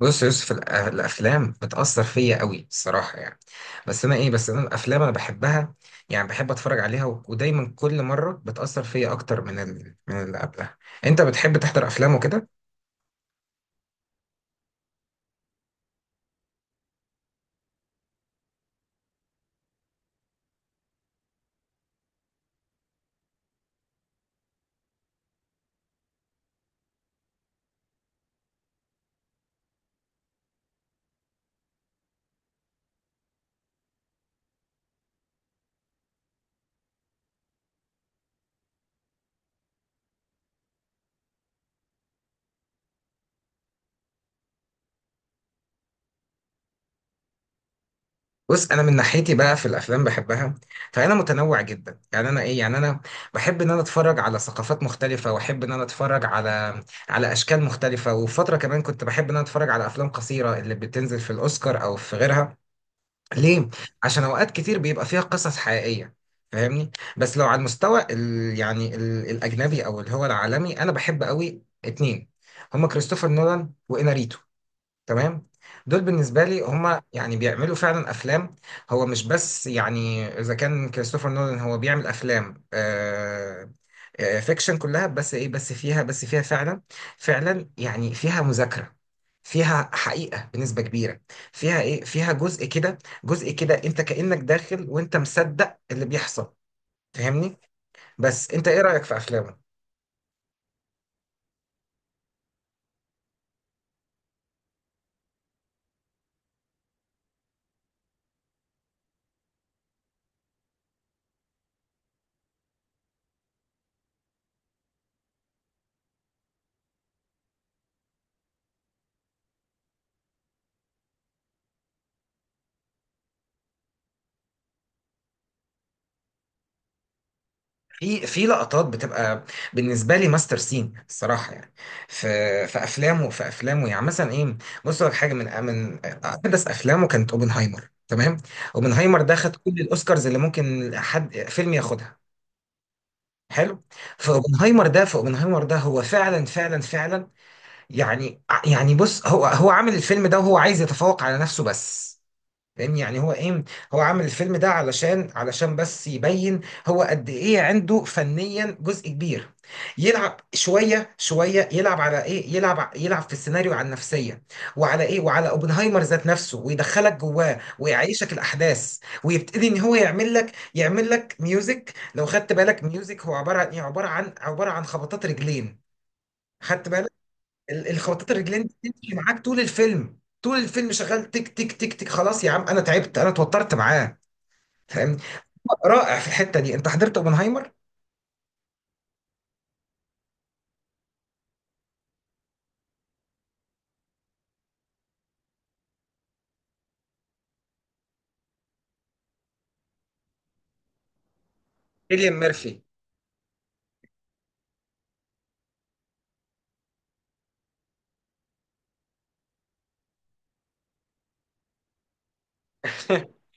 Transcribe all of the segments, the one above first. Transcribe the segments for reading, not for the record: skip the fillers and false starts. بص يا يوسف الافلام بتاثر فيا قوي الصراحه يعني. بس انا الافلام انا بحبها، يعني بحب اتفرج عليها ودايما كل مره بتاثر فيا اكتر من اللي قبلها. انت بتحب تحضر افلام وكده؟ بص انا من ناحيتي بقى في الافلام بحبها، فانا متنوع جدا، يعني انا ايه يعني انا بحب ان انا اتفرج على ثقافات مختلفه، واحب ان انا اتفرج على اشكال مختلفه. وفتره كمان كنت بحب ان انا اتفرج على افلام قصيره اللي بتنزل في الاوسكار او في غيرها. ليه؟ عشان اوقات كتير بيبقى فيها قصص حقيقية، فاهمني؟ بس لو على المستوى الاجنبي او اللي هو العالمي، انا بحب قوي اتنين، هما كريستوفر نولان واناريتو. تمام. دول بالنسبه لي هم يعني بيعملوا فعلا افلام. هو مش بس يعني اذا كان كريستوفر نولان هو بيعمل افلام، فيكشن كلها، بس ايه بس فيها بس فيها فعلا، فعلا يعني فيها مذاكره، فيها حقيقه بنسبه كبيره، فيها جزء كده، جزء كده انت كانك داخل وانت مصدق اللي بيحصل، فاهمني. بس انت ايه رايك في افلامه؟ في في لقطات بتبقى بالنسبه لي ماستر سين الصراحه، يعني في في افلامه يعني مثلا، بص لك حاجه، من احدث افلامه كانت اوبنهايمر. تمام. اوبنهايمر ده خد كل الاوسكارز اللي ممكن حد فيلم ياخدها. حلو. فاوبنهايمر ده هو فعلا فعلا، يعني بص، هو عامل الفيلم ده وهو عايز يتفوق على نفسه بس، فاهمني. هو عامل الفيلم ده علشان بس يبين هو قد ايه عنده فنيا. جزء كبير يلعب شويه، يلعب على يلعب في السيناريو على النفسيه، وعلى اوبنهايمر ذات نفسه، ويدخلك جواه، ويعيشك الاحداث. ويبتدي ان هو يعمل لك ميوزك. لو خدت بالك، ميوزك هو عباره عن ايه عباره عن عباره عن خبطات رجلين. خدت بالك؟ الخبطات الرجلين دي بتمشي معاك طول الفيلم، طول الفيلم شغال تك تك تك تك. خلاص يا عم انا تعبت، انا اتوترت معاه، فاهمني. رائع في الحته دي. انت حضرت اوبنهايمر. كيليان ميرفي.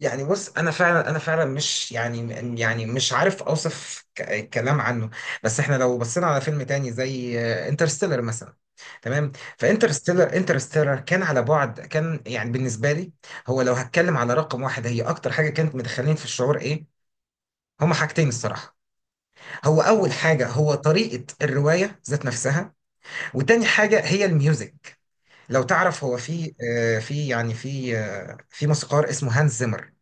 يعني بص، انا فعلا مش يعني، يعني مش عارف اوصف كلام عنه. بس احنا لو بصينا على فيلم تاني زي انترستيلر مثلا. تمام. انترستيلر كان على بعد، كان يعني بالنسبه لي هو، لو هتكلم على رقم واحد هي اكتر حاجه كانت مدخلين في الشعور، هما حاجتين الصراحه. هو أول حاجة هو طريقة الرواية ذات نفسها، وتاني حاجة هي الميوزك. لو تعرف، هو في في في موسيقار اسمه هانز زيمر.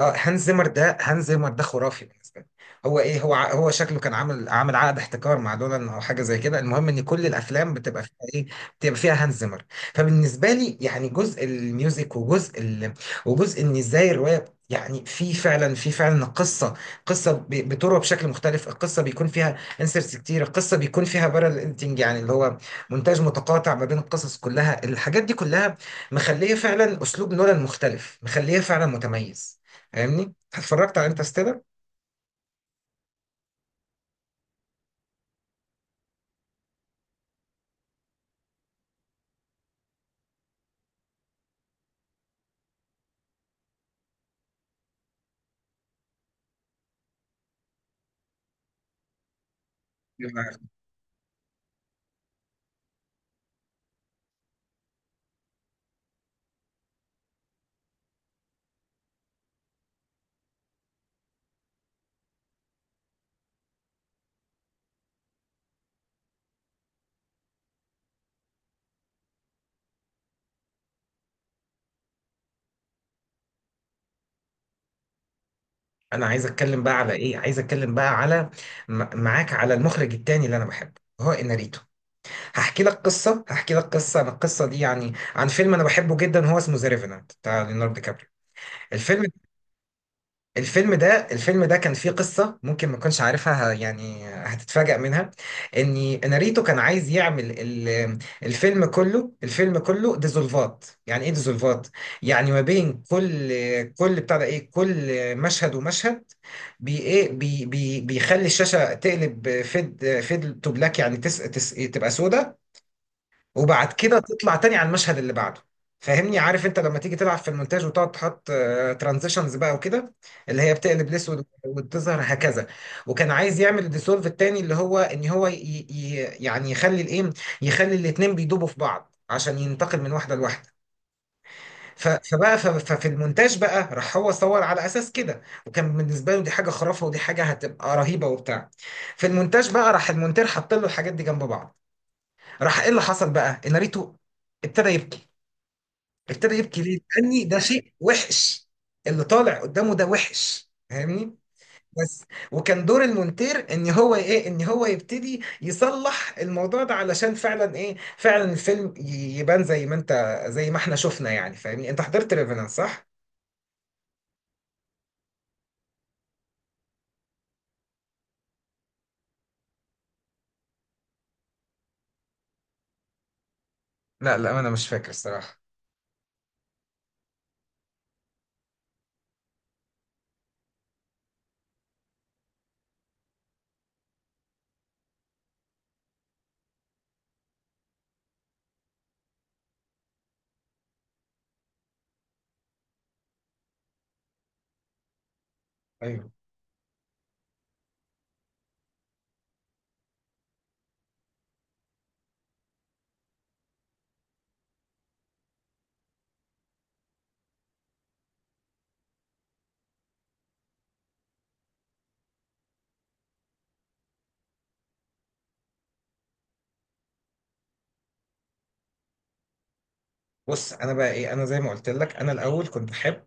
اه، هانز زيمر ده خرافي بالنسبه لي. هو ايه هو ع- هو شكله كان عامل عقد احتكار مع دولان او حاجه زي كده. المهم ان كل الافلام بتبقى فيها ايه بتبقى فيها هانز زيمر. فبالنسبه لي يعني جزء الميوزك، وجزء ان ازاي الروايه، يعني في فعلا قصه، قصه بتروى بشكل مختلف. القصه بيكون فيها انسرتس كتير، القصه بيكون فيها بارل انتنج، يعني اللي هو مونتاج متقاطع ما بين القصص كلها. الحاجات دي كلها مخليه فعلا اسلوب نولان مختلف، مخليه فعلا متميز، فاهمني. اتفرجت على انترستيلر. انا عايز اتكلم بقى على ايه عايز اتكلم بقى معاك على المخرج التاني اللي انا بحبه، هو اناريتو. هحكي لك قصه انا، القصه دي يعني عن فيلم انا بحبه جدا، هو اسمه ذا ريفينانت بتاع ليوناردو دي كابريو. الفيلم، الفيلم ده كان فيه قصة ممكن ما تكونش عارفها، يعني هتتفاجأ منها. ان ناريتو كان عايز يعمل الفيلم كله ديزولفات. يعني ايه ديزولفات؟ يعني ما بين كل مشهد ومشهد، بي ايه بي بي بيخلي الشاشة تقلب فيد، فيد تو بلاك، يعني تس تس تبقى سودة، وبعد كده تطلع تاني على المشهد اللي بعده، فاهمني. عارف انت لما تيجي تلعب في المونتاج وتقعد تحط ترانزيشنز بقى وكده، اللي هي بتقلب الاسود وتظهر هكذا. وكان عايز يعمل الديسولف التاني، اللي هو ان هو ي... ي... يعني يخلي يخلي الاتنين بيدوبوا في بعض عشان ينتقل من واحده لواحده. ففي المونتاج بقى، راح هو صور على اساس كده، وكان بالنسبه له دي حاجه خرافه، ودي حاجه هتبقى رهيبه وبتاع. في المونتاج بقى راح المونتير حط له الحاجات دي جنب بعض، راح ايه اللي حصل بقى ان ناريتو ابتدى يبكي. ابتدى يبكي ليه؟ لاني ده شيء وحش، اللي طالع قدامه ده وحش، فاهمني. بس. وكان دور المونتير ان هو يبتدي يصلح الموضوع ده، علشان فعلا الفيلم يبان زي ما انت، زي ما احنا شفنا يعني، فاهمني. انت حضرت ريفينانس، صح؟ لا لا، انا مش فاكر الصراحة. ايوه. بص انا بقى ايه، انا زي ما قلت لك، انا الاول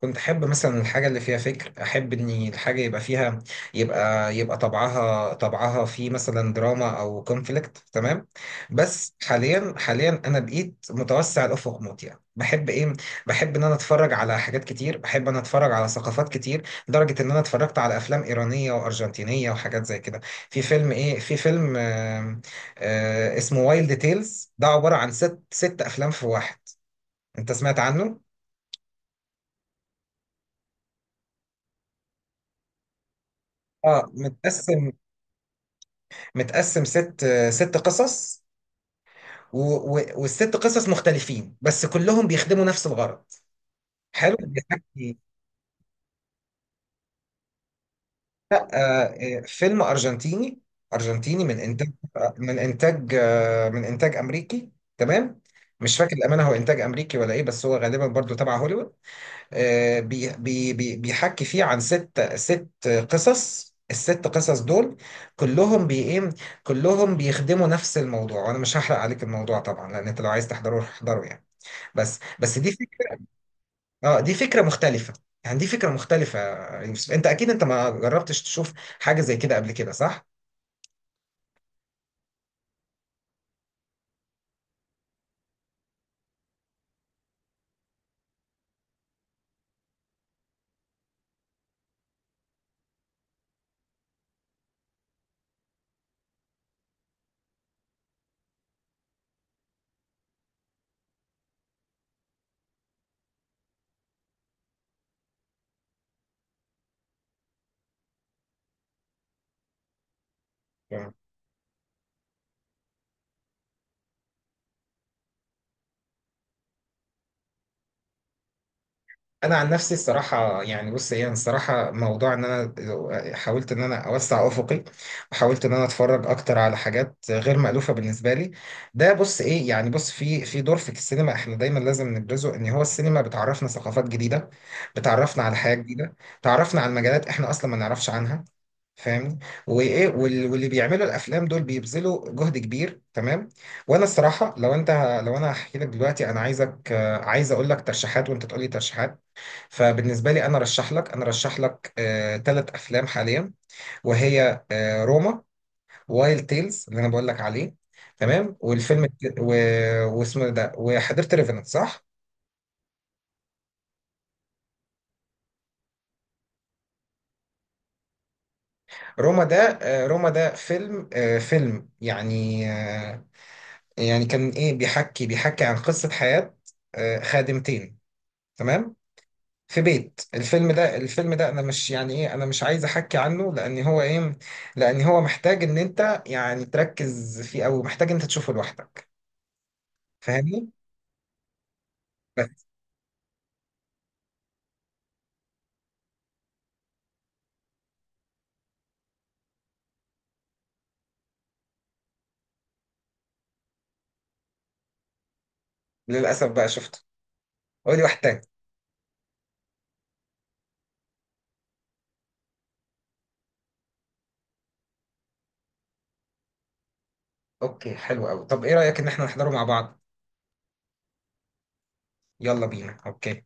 كنت احب مثلا الحاجه اللي فيها فكر، احب ان الحاجه يبقى فيها، يبقى يبقى طبعها طبعها في مثلا دراما او كونفليكت. تمام. بس حاليا انا بقيت متوسع الافق موت، يعني بحب ان انا اتفرج على حاجات كتير، بحب ان اتفرج على ثقافات كتير، لدرجه ان انا اتفرجت على افلام ايرانيه وارجنتينيه وحاجات زي كده. في فيلم آم، آه، اسمه وايلد تيلز، ده عبارة عن ست أفلام في واحد. انت سمعت عنه؟ اه، متقسم. ست ست قصص، والست قصص مختلفين، بس كلهم بيخدموا نفس الغرض. حلو، بيحكي. لا، فيلم ارجنتيني، ارجنتيني من انتاج، من انتاج امريكي. تمام. مش فاكر الامانه هو انتاج امريكي ولا ايه، بس هو غالبا برضو تبع هوليوود. بيحكي فيه عن ست قصص، الست قصص دول كلهم بي ايه كلهم بيخدموا نفس الموضوع، وانا مش هحرق عليك الموضوع طبعا، لان انت لو عايز تحضره روح احضره يعني. بس دي فكره. اه، دي فكره مختلفه، يعني دي فكره مختلفه يا يوسف. انت اكيد انت ما جربتش تشوف حاجه زي كده قبل كده، صح؟ انا عن نفسي الصراحه يعني، بص ايه، أنا الصراحه موضوع ان انا حاولت ان انا اوسع افقي، وحاولت ان انا اتفرج اكتر على حاجات غير مألوفه بالنسبه لي. ده بص ايه، يعني بص، في دور في السينما احنا دايما لازم نبرزه، ان هو السينما بتعرفنا ثقافات جديده، بتعرفنا على حياه جديده، تعرفنا على مجالات احنا اصلا ما نعرفش عنها، فاهمني. واللي بيعملوا الافلام دول بيبذلوا جهد كبير. تمام. وانا الصراحه لو انت، لو انا هحكي لك دلوقتي انا عايزك عايز اقول لك ترشيحات، وانت تقول لي ترشيحات. فبالنسبة لي أنا رشح لك آه تلات أفلام حاليا، وهي آه روما، وايلد تيلز اللي أنا بقول لك عليه، تمام، واسمه ده. وحضرت ريفنت، صح؟ روما ده، آه روما ده فيلم، آه فيلم يعني آه يعني كان إيه بيحكي، بيحكي عن قصة حياة آه خادمتين. تمام. في بيت. الفيلم ده، انا مش عايز احكي عنه، لان هو ايه لان هو محتاج ان انت يعني تركز فيه، او محتاج انت تشوفه لوحدك، فاهمني. بس. للاسف بقى شفته، قولي واحد تاني. اوكي، حلو قوي. طب ايه رايك ان احنا نحضره مع بعض؟ يلا بينا، اوكي.